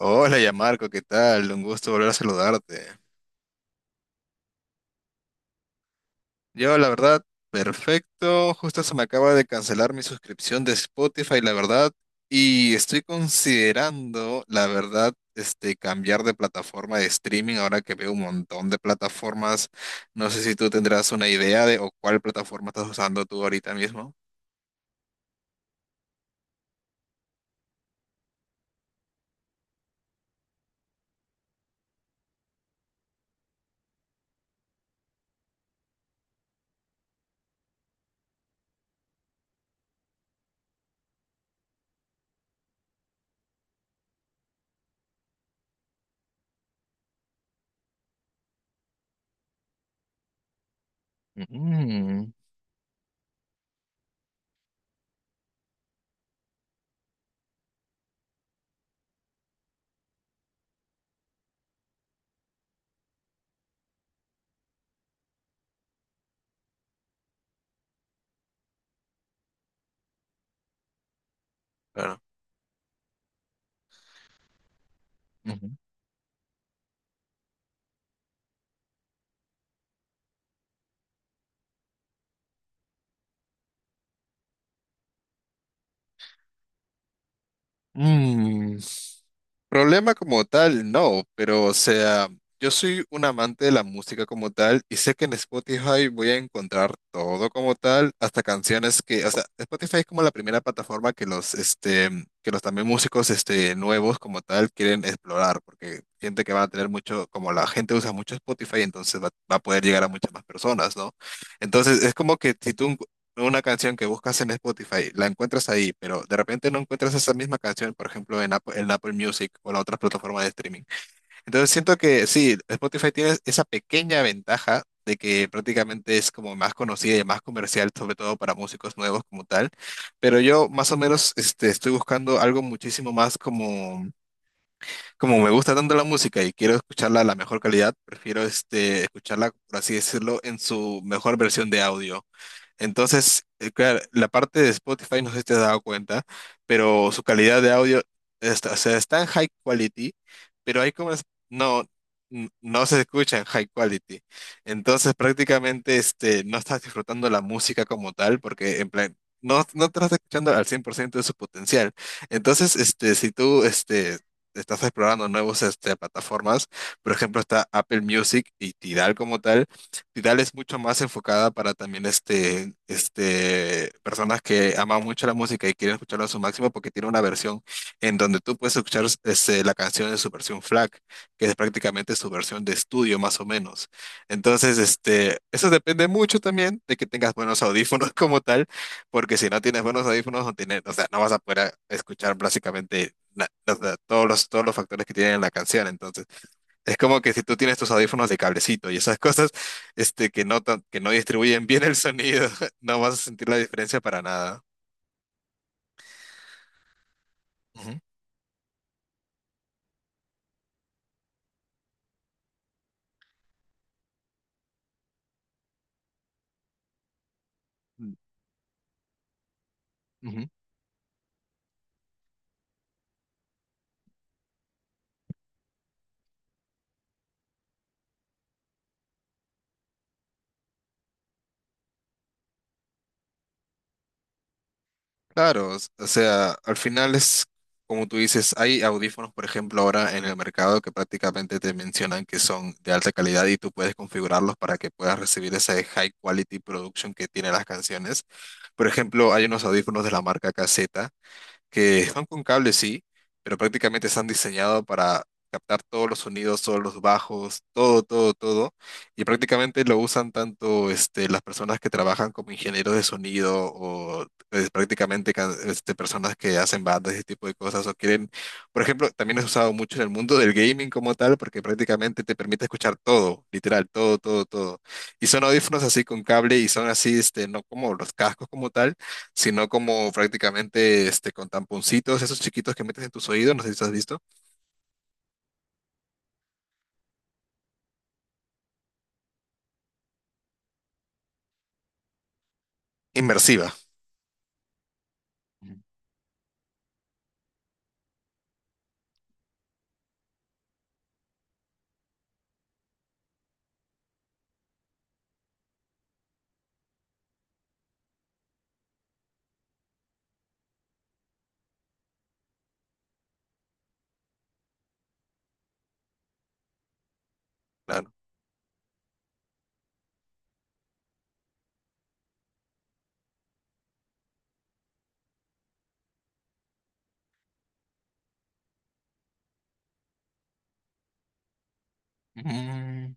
Hola, Marco, ¿qué tal? Un gusto volver a saludarte. Yo, la verdad, perfecto. Justo se me acaba de cancelar mi suscripción de Spotify, la verdad, y estoy considerando, la verdad, cambiar de plataforma de streaming ahora que veo un montón de plataformas. No sé si tú tendrás una idea de o cuál plataforma estás usando tú ahorita mismo. Mm, claro. Ujú. Mm, problema como tal, no, pero o sea, yo soy un amante de la música como tal y sé que en Spotify voy a encontrar todo como tal, hasta canciones que, o sea, Spotify es como la primera plataforma que los que los también músicos, nuevos como tal quieren explorar, porque siente que van a tener mucho, como la gente usa mucho Spotify, entonces va a poder llegar a muchas más personas, ¿no? Entonces es como que si tú una canción que buscas en Spotify, la encuentras ahí, pero de repente no encuentras esa misma canción, por ejemplo, en Apple Music o la otra plataforma de streaming. Entonces siento que sí, Spotify tiene esa pequeña ventaja de que prácticamente es como más conocida y más comercial, sobre todo para músicos nuevos como tal, pero yo más o menos estoy buscando algo muchísimo más como, como me gusta tanto la música y quiero escucharla a la mejor calidad, prefiero escucharla, por así decirlo, en su mejor versión de audio entonces, claro, la parte de Spotify, no sé si te has dado cuenta, pero su calidad de audio está, o sea, está en high quality, pero hay como, no, no se escucha en high quality. Entonces, prácticamente, no estás disfrutando la música como tal, porque en plan, no, no te estás escuchando al 100% de su potencial. Entonces, si tú estás explorando nuevos, plataformas, por ejemplo, está Apple Music y Tidal como tal, Tidal es mucho más enfocada para también este, personas que aman mucho la música y quieren escucharla a su máximo porque tiene una versión en donde tú puedes escuchar la canción en su versión FLAC, que es prácticamente su versión de estudio más o menos. Entonces, eso depende mucho también de que tengas buenos audífonos como tal, porque si no tienes buenos audífonos, no tienes, o sea, no vas a poder escuchar básicamente o sea, todos los factores que tienen en la canción. Entonces, es como que si tú tienes tus audífonos de cablecito y esas cosas, que no, que no distribuyen bien el sonido, no vas a sentir la diferencia para nada. Ujú. Mm, ujú. Claro, o sea, al final es como tú dices, hay audífonos, por ejemplo, ahora en el mercado que prácticamente te mencionan que son de alta calidad y tú puedes configurarlos para que puedas recibir ese high quality production que tienen las canciones. Por ejemplo, hay unos audífonos de la marca KZ que son con cable, sí, pero prácticamente están diseñados para captar todos los sonidos, todos los bajos, todo, todo, todo. Y prácticamente lo usan tanto las personas que trabajan como ingenieros de sonido o pues, prácticamente personas que hacen bandas, ese tipo de cosas, o quieren, por ejemplo, también es usado mucho en el mundo del gaming como tal, porque prácticamente te permite escuchar todo, literal, todo, todo, todo. Y son audífonos así con cable y son así, no como los cascos como tal sino como prácticamente con tamponcitos, esos chiquitos que metes en tus oídos, no sé si has visto. Inmersiva, claro. Mm,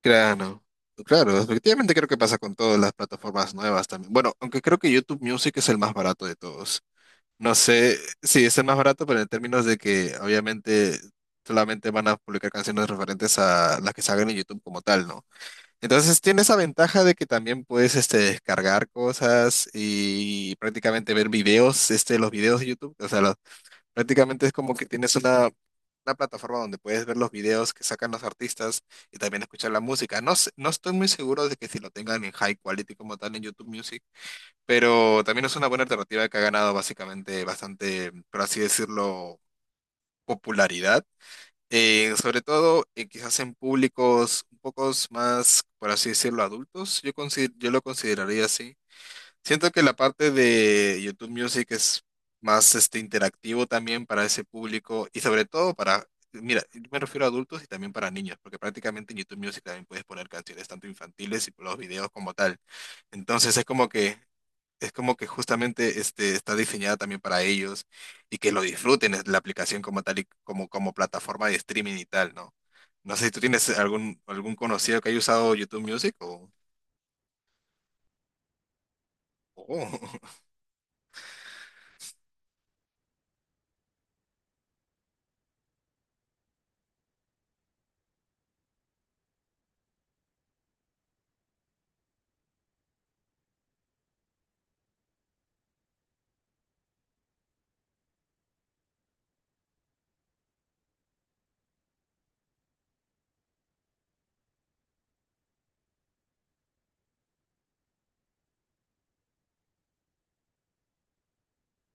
claro, claro, efectivamente creo que pasa con todas las plataformas nuevas también. Bueno, aunque creo que YouTube Music es el más barato de todos. No sé, sí, es el más barato, pero en términos de que obviamente solamente van a publicar canciones referentes a las que salgan en YouTube como tal, ¿no? Entonces tiene esa ventaja de que también puedes descargar cosas y prácticamente ver videos, los videos de YouTube. O sea, prácticamente es como que tienes una plataforma donde puedes ver los videos que sacan los artistas y también escuchar la música. No, no estoy muy seguro de que si lo tengan en high quality como tal en YouTube Music, pero también es una buena alternativa que ha ganado básicamente bastante, por así decirlo, popularidad sobre todo, quizás en públicos un poco más, por así decirlo, adultos, yo lo consideraría así. Siento que la parte de YouTube Music es más interactivo también para ese público y sobre todo para, mira, yo me refiero a adultos y también para niños, porque prácticamente en YouTube Music también puedes poner canciones tanto infantiles y los videos como tal. Entonces es como que es como que justamente está diseñada también para ellos y que lo disfruten es la aplicación como tal y como, como plataforma de streaming y tal, ¿no? No sé si tú tienes algún conocido que haya usado YouTube Music o... o-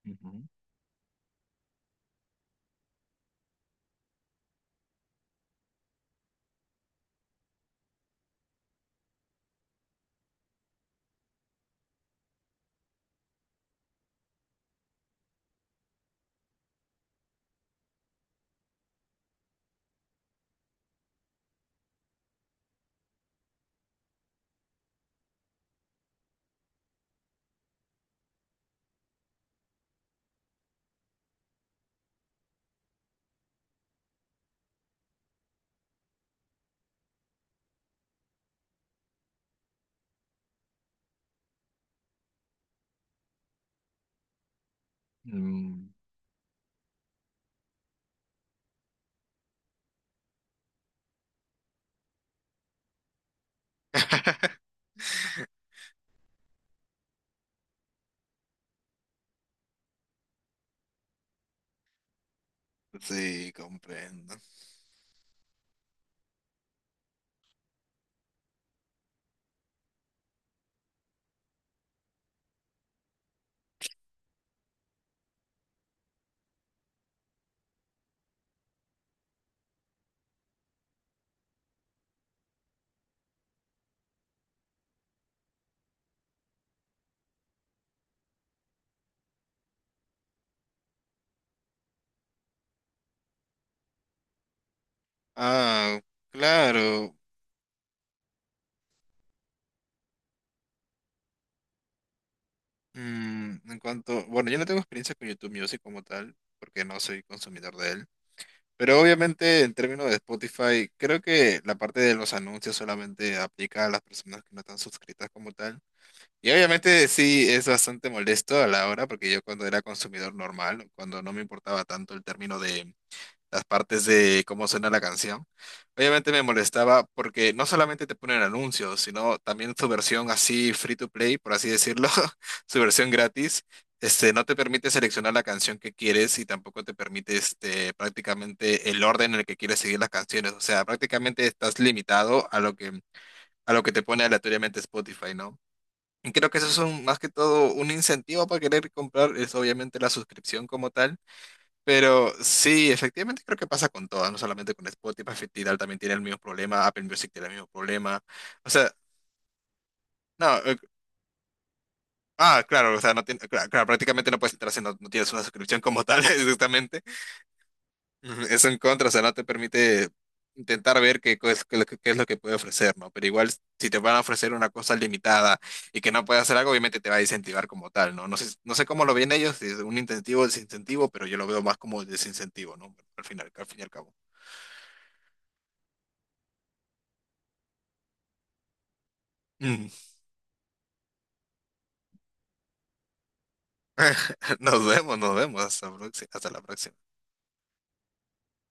Ujú. Mm, sí, comprendo. Ah, claro. Mm, en cuanto, bueno, yo no tengo experiencia con YouTube Music como tal, porque no soy consumidor de él. Pero obviamente en términos de Spotify, creo que la parte de los anuncios solamente aplica a las personas que no están suscritas como tal. Y obviamente sí es bastante molesto a la hora, porque yo cuando era consumidor normal, cuando no me importaba tanto el término de las partes de cómo suena la canción. Obviamente me molestaba porque no solamente te ponen anuncios, sino también su versión así free to play, por así decirlo, su versión gratis, no te permite seleccionar la canción que quieres y tampoco te permite prácticamente el orden en el que quieres seguir las canciones. O sea, prácticamente estás limitado a lo que te pone aleatoriamente Spotify, ¿no? Y creo que eso es más que todo un incentivo para querer comprar, es obviamente la suscripción como tal pero sí, efectivamente creo que pasa con todas, no solamente con Spotify, Tidal también tiene el mismo problema, Apple Music tiene el mismo problema. O sea, no, ah, claro, o sea, no tiene, claro, prácticamente no puedes entrar si no, no tienes una suscripción como tal, exactamente. Ujú, es un contra, o sea, no te permite intentar ver qué, es lo que qué es lo que puede ofrecer, ¿no? Pero igual, si te van a ofrecer una cosa limitada y que no puedes hacer algo, obviamente te va a incentivar como tal, ¿no? No sé, no sé cómo lo ven ellos, si es un incentivo o desincentivo, pero yo lo veo más como desincentivo, ¿no? Al final, al fin y al cabo. Nos vemos, nos vemos. Hasta, hasta la próxima.